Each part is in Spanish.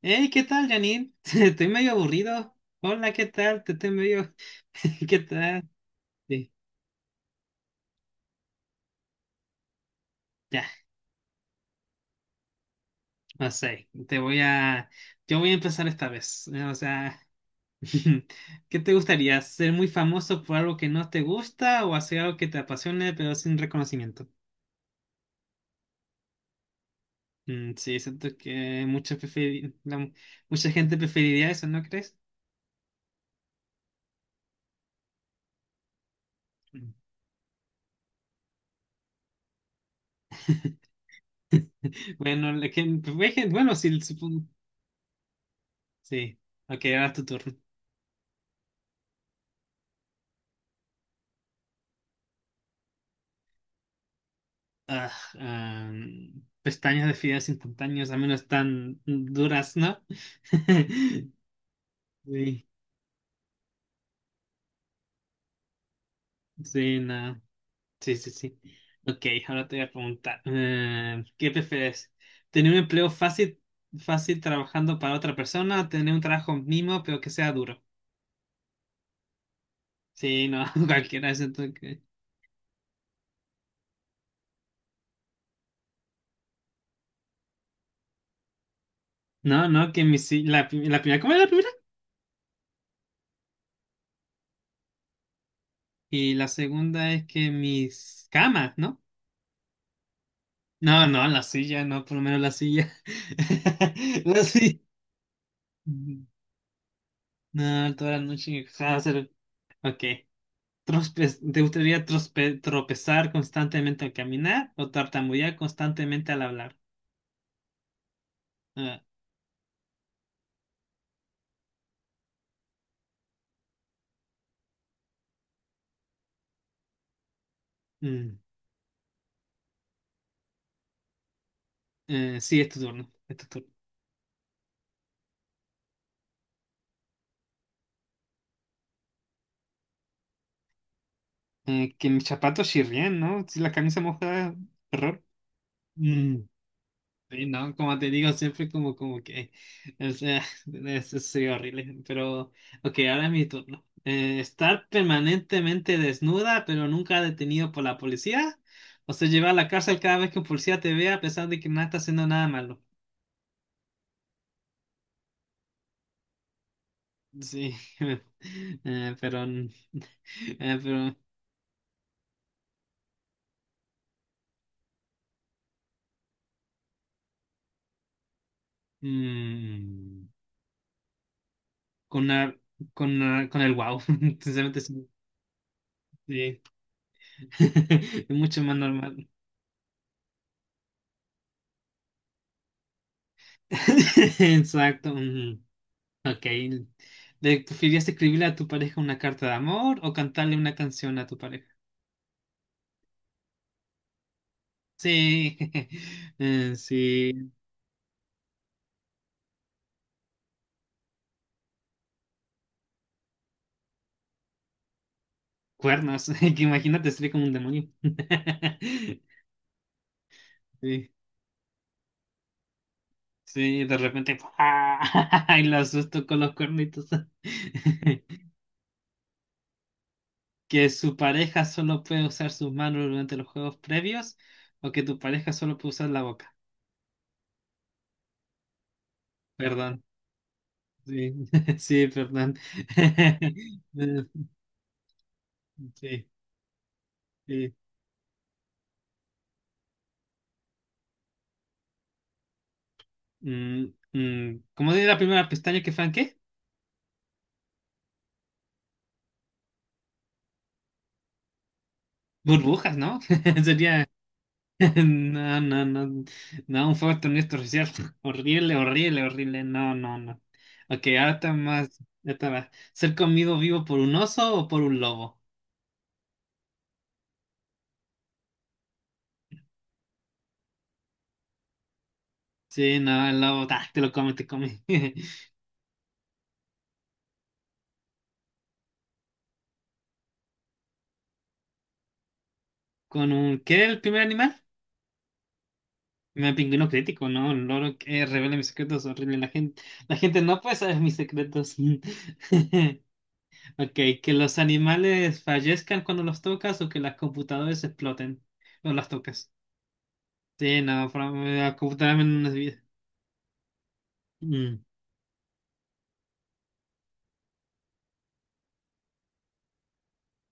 Hey, ¿qué tal, Janine? Estoy medio aburrido. Hola, ¿qué tal? Te estoy medio. ¿Qué tal? Sí, ya, no sé. Te voy a. Yo voy a empezar esta vez. O sea, ¿qué te gustaría? ¿Ser muy famoso por algo que no te gusta o hacer algo que te apasione pero sin reconocimiento? Mm, sí, siento que mucha, mucha gente preferiría eso, ¿no crees? Bueno, la gente... bueno, sí, supongo. Sí. Ok, ahora es tu turno. Ah, ah, pestañas de fideos instantáneos, al menos tan duras, ¿no? Sí, sí, no. Sí, sí, sí. Ok, ahora te voy a preguntar, ¿qué prefieres? ¿Tener un empleo fácil, fácil trabajando para otra persona o tener un trabajo mínimo pero que sea duro? Sí, no, cualquiera es que... No, no, que mis... La, la primera, ¿cómo era la primera? Y la segunda es que mis camas, ¿no? No, no, la silla, no, por lo menos la silla. La silla. Mm, no, toda la noche. O sea, hacer- Ok. ¿Te gustaría tropezar constantemente al caminar o tartamudear constantemente al hablar? Ah, mm, sí, es tu turno. Es tu turno. Que mis zapatos chirrían, ¿no? Si la camisa mojada, error. Sí, no, como te digo, siempre como, como que, o sea, eso sería horrible, pero, ok, ahora es mi turno. Estar permanentemente desnuda, pero nunca detenido por la policía, o sea, llevar a la cárcel cada vez que un policía te vea a pesar de que no estás haciendo nada malo. Sí, eh, pero, mm, pero, mm, con, la- con el wow, sinceramente sí, sí. Es mucho más normal. Exacto. Ujú. Ok. ¿Le preferirías escribirle a tu pareja una carta de amor o cantarle una canción a tu pareja? Sí, sí, cuernos, que imagínate, sería como un demonio. Sí, sí, de repente, ¡pua! y lo asusto con los cuernitos. Que su pareja solo puede usar sus manos durante los juegos previos o que tu pareja solo puede usar la boca. Perdón, sí, sí, perdón. Sí, sí. Mm, mm, ¿cómo sería la primera pestaña que fan qué? Burbujas, ¿no? Sería. No, no, no. No, un fuerte honesto social. Horrible, horrible, horrible. No, no, no. Ok, ahora está más. Ya está más. ¿Ser comido vivo por un oso o por un lobo? Sí, no, el lobo, ta, te lo come, te come. ¿Con un. ¿Qué era el primer animal? Me pingüino crítico, ¿no? Un loro que revela mis secretos, horrible. La gente no puede saber mis secretos. Ok, que los animales fallezcan cuando los tocas o que las computadoras exploten cuando las tocas. Sí, no, la computadora menos nos vida. Mm.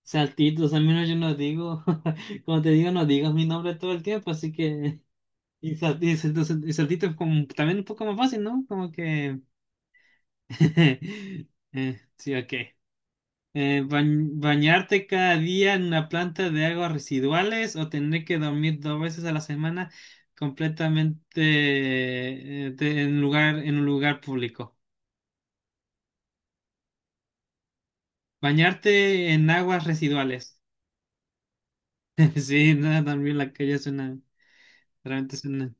Saltitos, al menos yo no digo, como te digo, no digas mi nombre todo el tiempo, así que... Y, y saltito es como también un poco más fácil, ¿no? Como que... sí, ok. ¿Bañarte cada día en una planta de aguas residuales o tener que dormir dos veces a la semana completamente en lugar, en un lugar público? Bañarte en aguas residuales. Sí, nada, dormir en la calle suena, realmente suena.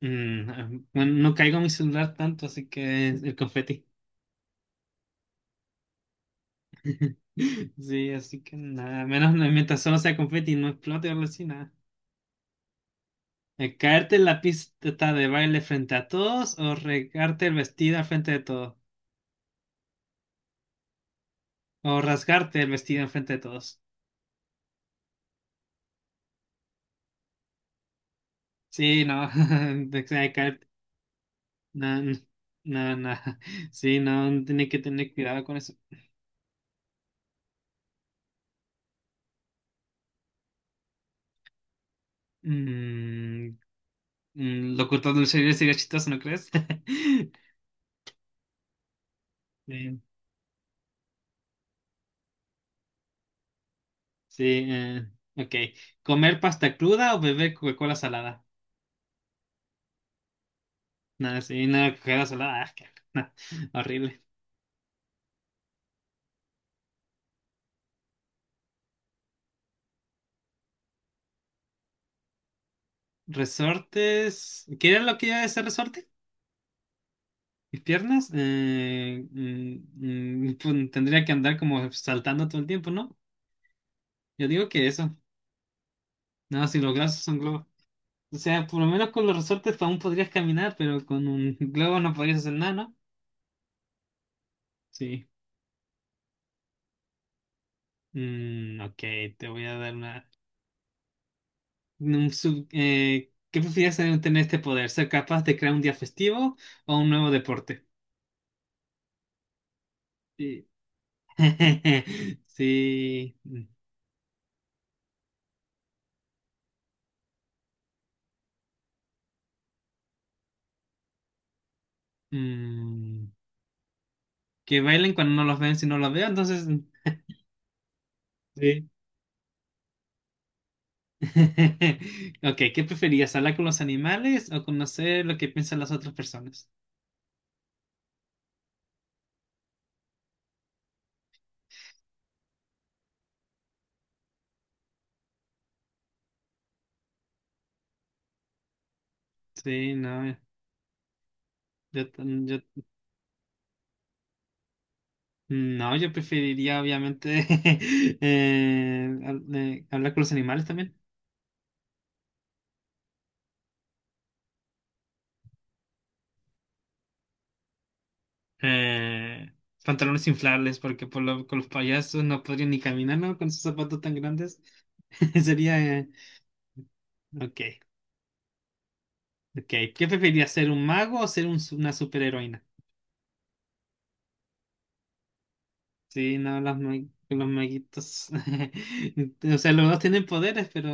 Mm, bueno, no caigo en mi celular tanto, así que el confeti. Sí, así que nada, menos mientras solo sea confeti y no explote o algo así, nada. ¿De caerte en la pista de baile frente a todos o regarte el vestido al frente de todos? O rasgarte el vestido en frente de todos. Sí, no. De que hay caer- No, no, no. No. Sí, no. Tiene que tener cuidado con eso. Mm, mm, lo cortado del cerebro sería chistoso, ¿no crees? Sí, sí. eh, ok. ¿Comer pasta cruda o beber Coca-Cola salada? No, sí, no, Coca-Cola salada. Ah, qué- asco, no, horrible. Resortes. ¿Qué era lo que iba a decir resorte? Mis piernas, mm, mm, pues, tendría que andar como saltando todo el tiempo, ¿no? Yo digo que eso. No, si los brazos son globos. O sea, por lo menos con los resortes aún podrías caminar, pero con un globo no podrías hacer nada, ¿no? Sí. Mm, ok, te voy a dar una... ¿qué prefieres tener este poder? ¿Ser capaz de crear un día festivo o un nuevo deporte? Sí. Sí. Mm, que bailen cuando no los ven, si no los veo, entonces... Sí. Ok, ¿qué preferías? ¿Hablar con los animales o conocer lo que piensan las otras personas? Sí, no, yo, t- yo- no, yo preferiría obviamente hablar con los animales también. Eh, pantalones inflables, porque por lo- con los payasos no podrían ni caminar, ¿no? Con sus zapatos tan grandes. Sería... ok, ok. ¿Qué preferirías, ser un mago o ser un, una superheroína? Sí, no, los, los maguitos. O sea, los dos tienen poderes, pero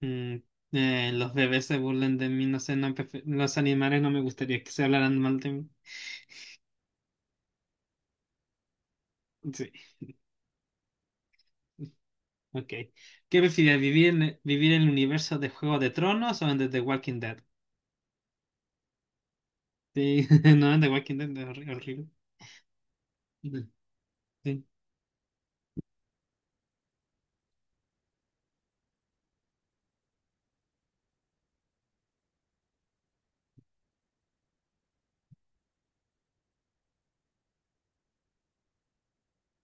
mm, los bebés se burlan de mí. No sé, los animales no me gustaría que se hablaran mal de mí. Sí, ok. ¿Qué prefieres, vivir en, vivir en el universo de Juego de Tronos o en The Walking Dead? Sí, no, en The Walking Dead es horri- horrible. Sí,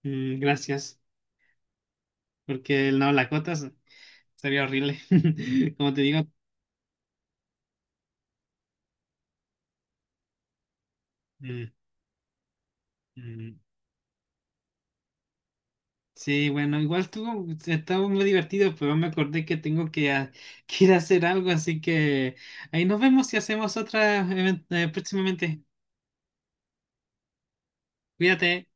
mm, gracias, porque el no, la cota sería horrible. Como te digo, mm, mm, sí, bueno, igual estuvo, estaba muy divertido, pero me acordé que tengo que, a- que ir a hacer algo, así que ahí nos vemos y hacemos otra próximamente. Cuídate.